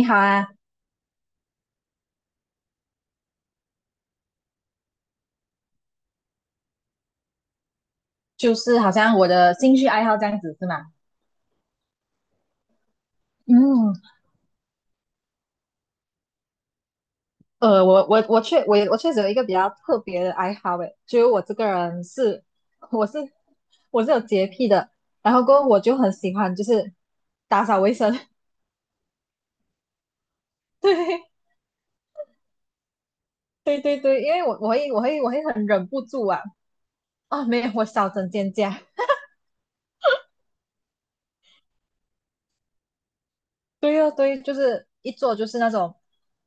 你好啊。就是好像我的兴趣爱好这样子是吗？嗯，我确实有一个比较特别的爱好诶，就是我这个人是，我是我是有洁癖的，然后过后我就很喜欢就是打扫卫生。对对对对，因为我会很忍不住啊。啊，没有，我扫整间家。对哦，对，就是一坐就是那种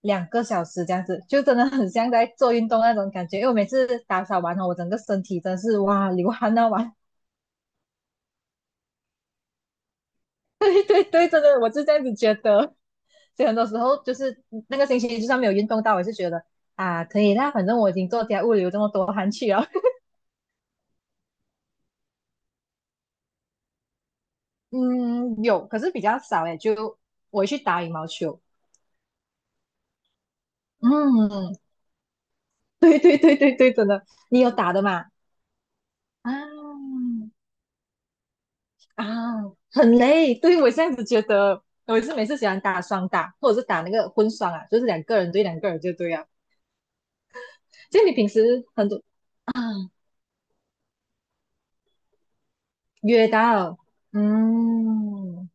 2个小时这样子，就真的很像在做运动那种感觉。因为我每次打扫完后，我整个身体真的是哇流汗到完。对对对，真的我是这样子觉得。所以很多时候就是那个星期就算没有运动到，我也是觉得啊可以啦，反正我已经做家务流这么多汗去了。嗯，有，可是比较少诶，就我会去打羽毛球。嗯，对对对对，真的，你有打的嘛？啊，啊，很累。对，我这样子觉得，我是每次喜欢打双打，或者是打那个混双啊，就是两个人对两个人就对啊。就你平时很多约到，嗯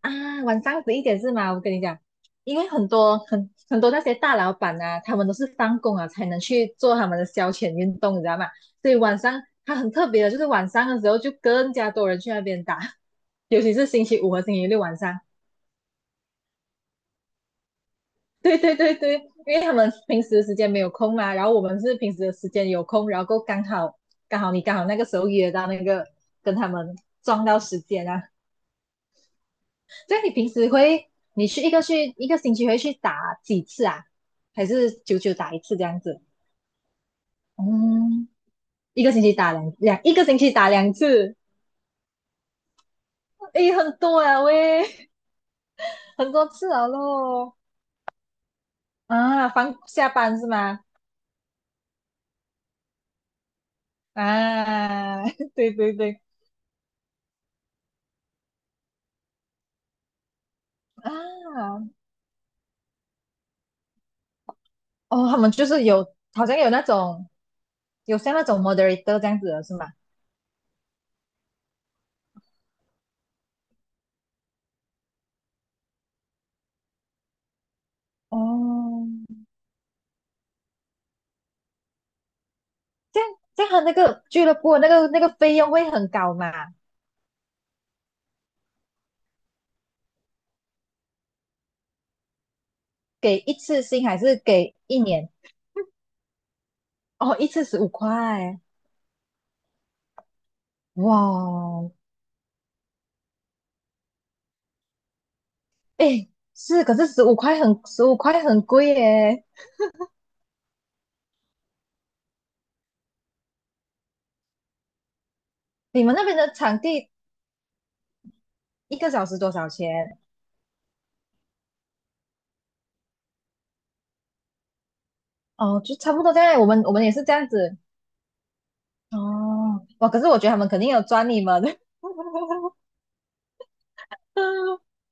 啊，晚上11点是吗？我跟你讲，因为很多那些大老板啊，他们都是放工啊才能去做他们的消遣运动，你知道吗？所以晚上他很特别的，就是晚上的时候就更加多人去那边打。尤其是星期五和星期六晚上。对对对对，因为他们平时的时间没有空嘛，然后我们是平时的时间有空，然后够刚好那个时候约到，那个跟他们撞到时间啊。所以你平时会，你去一个去一个星期会去打几次啊？还是久久打一次这样子？嗯，一个星期打2次。诶，很多啊喂，很多次啊咯。啊，放下班是吗？啊，对对对。啊，哦，他们就是有，好像有那种，像那种 moderator 这样子的是吗？哦，这样这样，他那个俱乐部的那个费用会很高嘛？给一次性还是给一年？哦，一次十五块，哇哦。诶，是，可是十五块很贵耶。你们那边的场地一个小时多少钱？哦，就差不多这样，我们也是这样子。哦，哇，可是我觉得他们肯定有赚你们。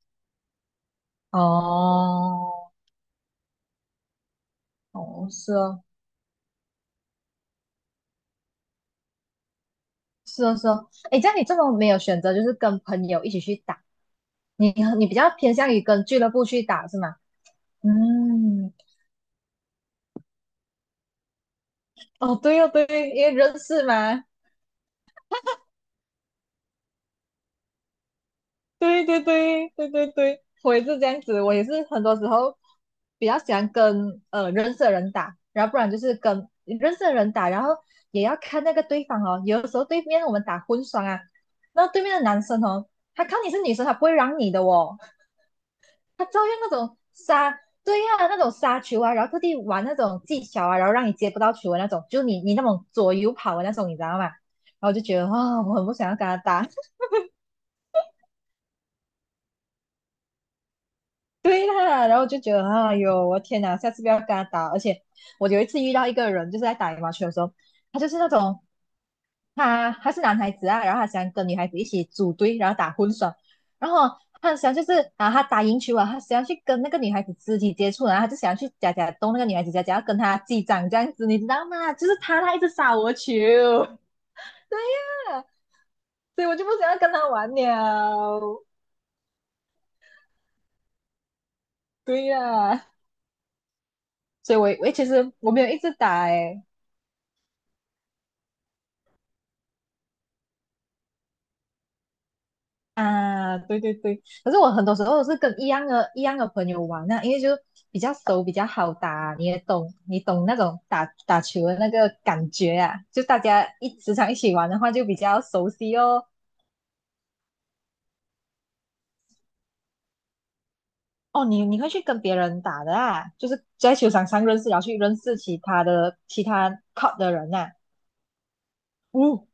哦，哦，是哦，是哦，是哦。哎，这样你这么没有选择，就是跟朋友一起去打。你你比较偏向于跟俱乐部去打是吗？嗯，哦，对哦，对，因为认识嘛。对对对对对对，我也是这样子，我也是很多时候比较喜欢跟认识的人打，然后不然就是跟认识的人打，然后也要看那个对方哦。有的时候对面我们打混双啊，那对面的男生哦，他看你是女生，他不会让你的哦。他照样那种杀，对呀、那种杀球啊，然后特地玩那种技巧啊，然后让你接不到球的那种，就你那种左右跑的那种，你知道吗？然后就觉得啊、我很不想要跟他打。对啦，然后就觉得哎呦，我天哪，下次不要跟他打。而且我有一次遇到一个人，就是在打羽毛球的时候，他就是那种，他是男孩子啊，然后他想跟女孩子一起组队，然后打混双，然后他想就是啊，他打赢球啊，他想要去跟那个女孩子肢体接触，然后他就想要去夹夹动那个女孩子夹夹，假假要跟她击掌这样子，你知道吗？就是他，他一直杀我球。对呀、啊所以我就不想要跟他玩了。对呀、啊所以其实我没有一直打诶、欸啊，对对对，可是我很多时候是跟一样的朋友玩啊，因为就比较熟、比较好打，你也懂，你懂那种打打球的那个感觉啊，就大家一时常一起玩的话，就比较熟悉哦。哦，你会去跟别人打的啊，就是在球场上认识，然后去认识其他 court 的人呐、嗯，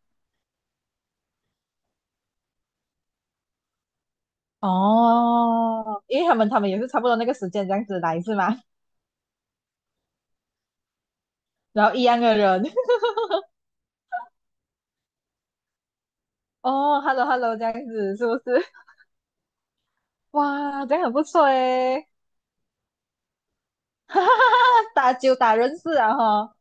哦，因为他们也是差不多那个时间这样子来是吗？然后一样的人。哦，hello hello 这样子是不是？哇，这样很不错诶。哈哈哈，打球打人识啊哈。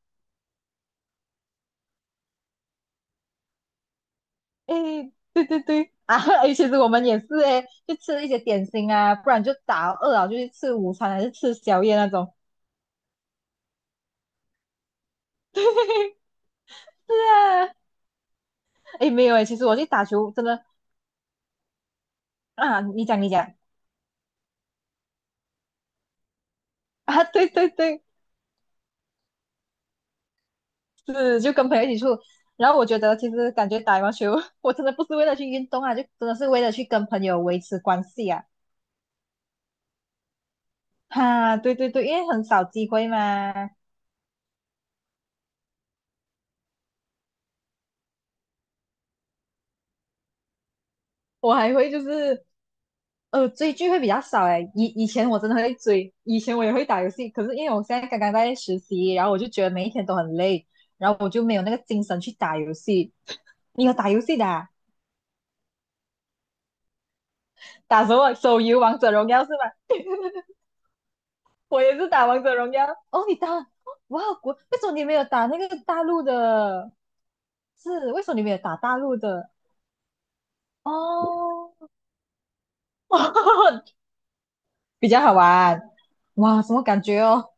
诶，对对对，啊，诶，其实我们也是诶，就吃一些点心啊，不然就打饿了就去吃午餐还是吃宵夜那种。是啊。诶，没有诶，其实我去打球真的。啊，你讲你讲， 啊，对对对，是就跟朋友一起出，然后我觉得其实感觉打羽毛球，我真的不是为了去运动啊，就真的是为了去跟朋友维持关系啊。哈、对对对，因为很少机会嘛。我还会就是，追剧会比较少哎。以前我真的会追，以前我也会打游戏，可是因为我现在刚刚在实习，然后我就觉得每一天都很累，然后我就没有那个精神去打游戏。你有打游戏的啊。打什么？手游《王者荣耀》是吧？我也是打《王者荣耀》。哦，你打？哦哇，为什么你没有打那个大陆的？是，为什么你没有打大陆的？哦，比较好玩。哇，什么感觉哦？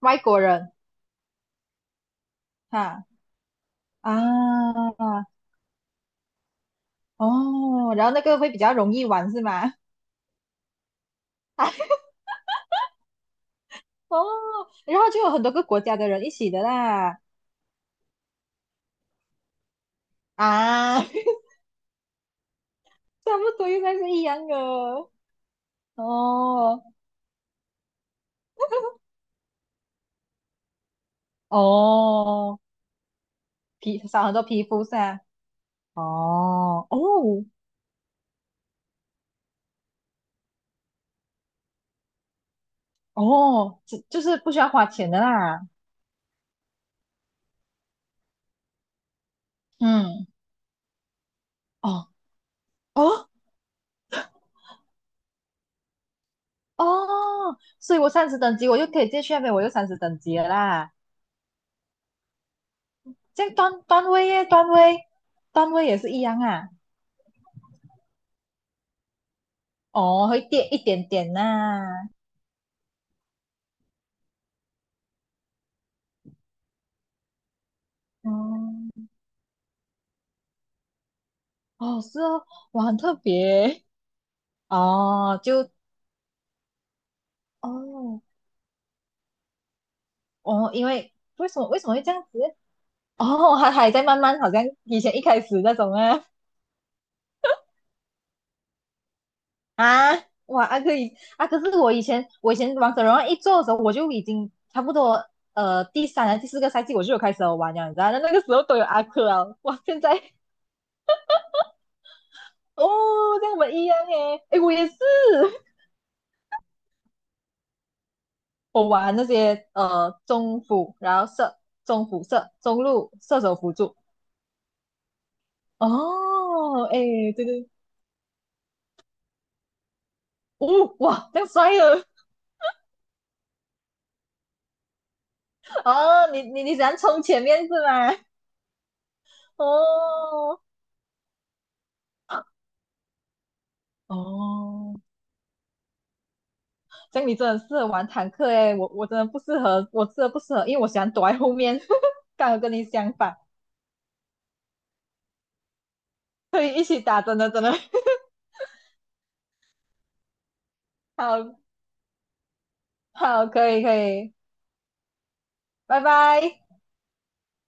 外国人哈。啊，哦，然后那个会比较容易玩是吗？哦，然后就有很多个国家的人一起的啦。啊，差不多应该是一样的。哦哦，皮少很多皮肤噻。哦哦哦，就是不需要花钱的啦。嗯，哦哦哦，所以我三十等级，我就可以直接去那边，我就三十等级了啦。这样段位耶，段位也是一样啊。哦，会点一点点呐、哦，哦，是哦，哇，很特别哦，就哦哦，因为为什么会这样子？哦，还在慢慢，好像以前一开始那种啊啊，哇，啊可以啊，可是我以前王者荣耀一做的时候，我就已经差不多，第三啊第四个赛季我就有开始有玩了，你知道，那时候都有阿克啊，哇，现在哦，这样我们一样诶。诶，我也是，我玩那些中辅，然后射中辅射中路射手辅助。哦，哎，对对，哦，哇，这样帅了。哦，你喜欢冲前面是吗？哦哦，这样你真的适合玩坦克哎，我真的不适合，我真的不适合，因为我喜欢躲在后面。刚好跟你相反，可以一起打，真的真的好好，可以可以，拜拜。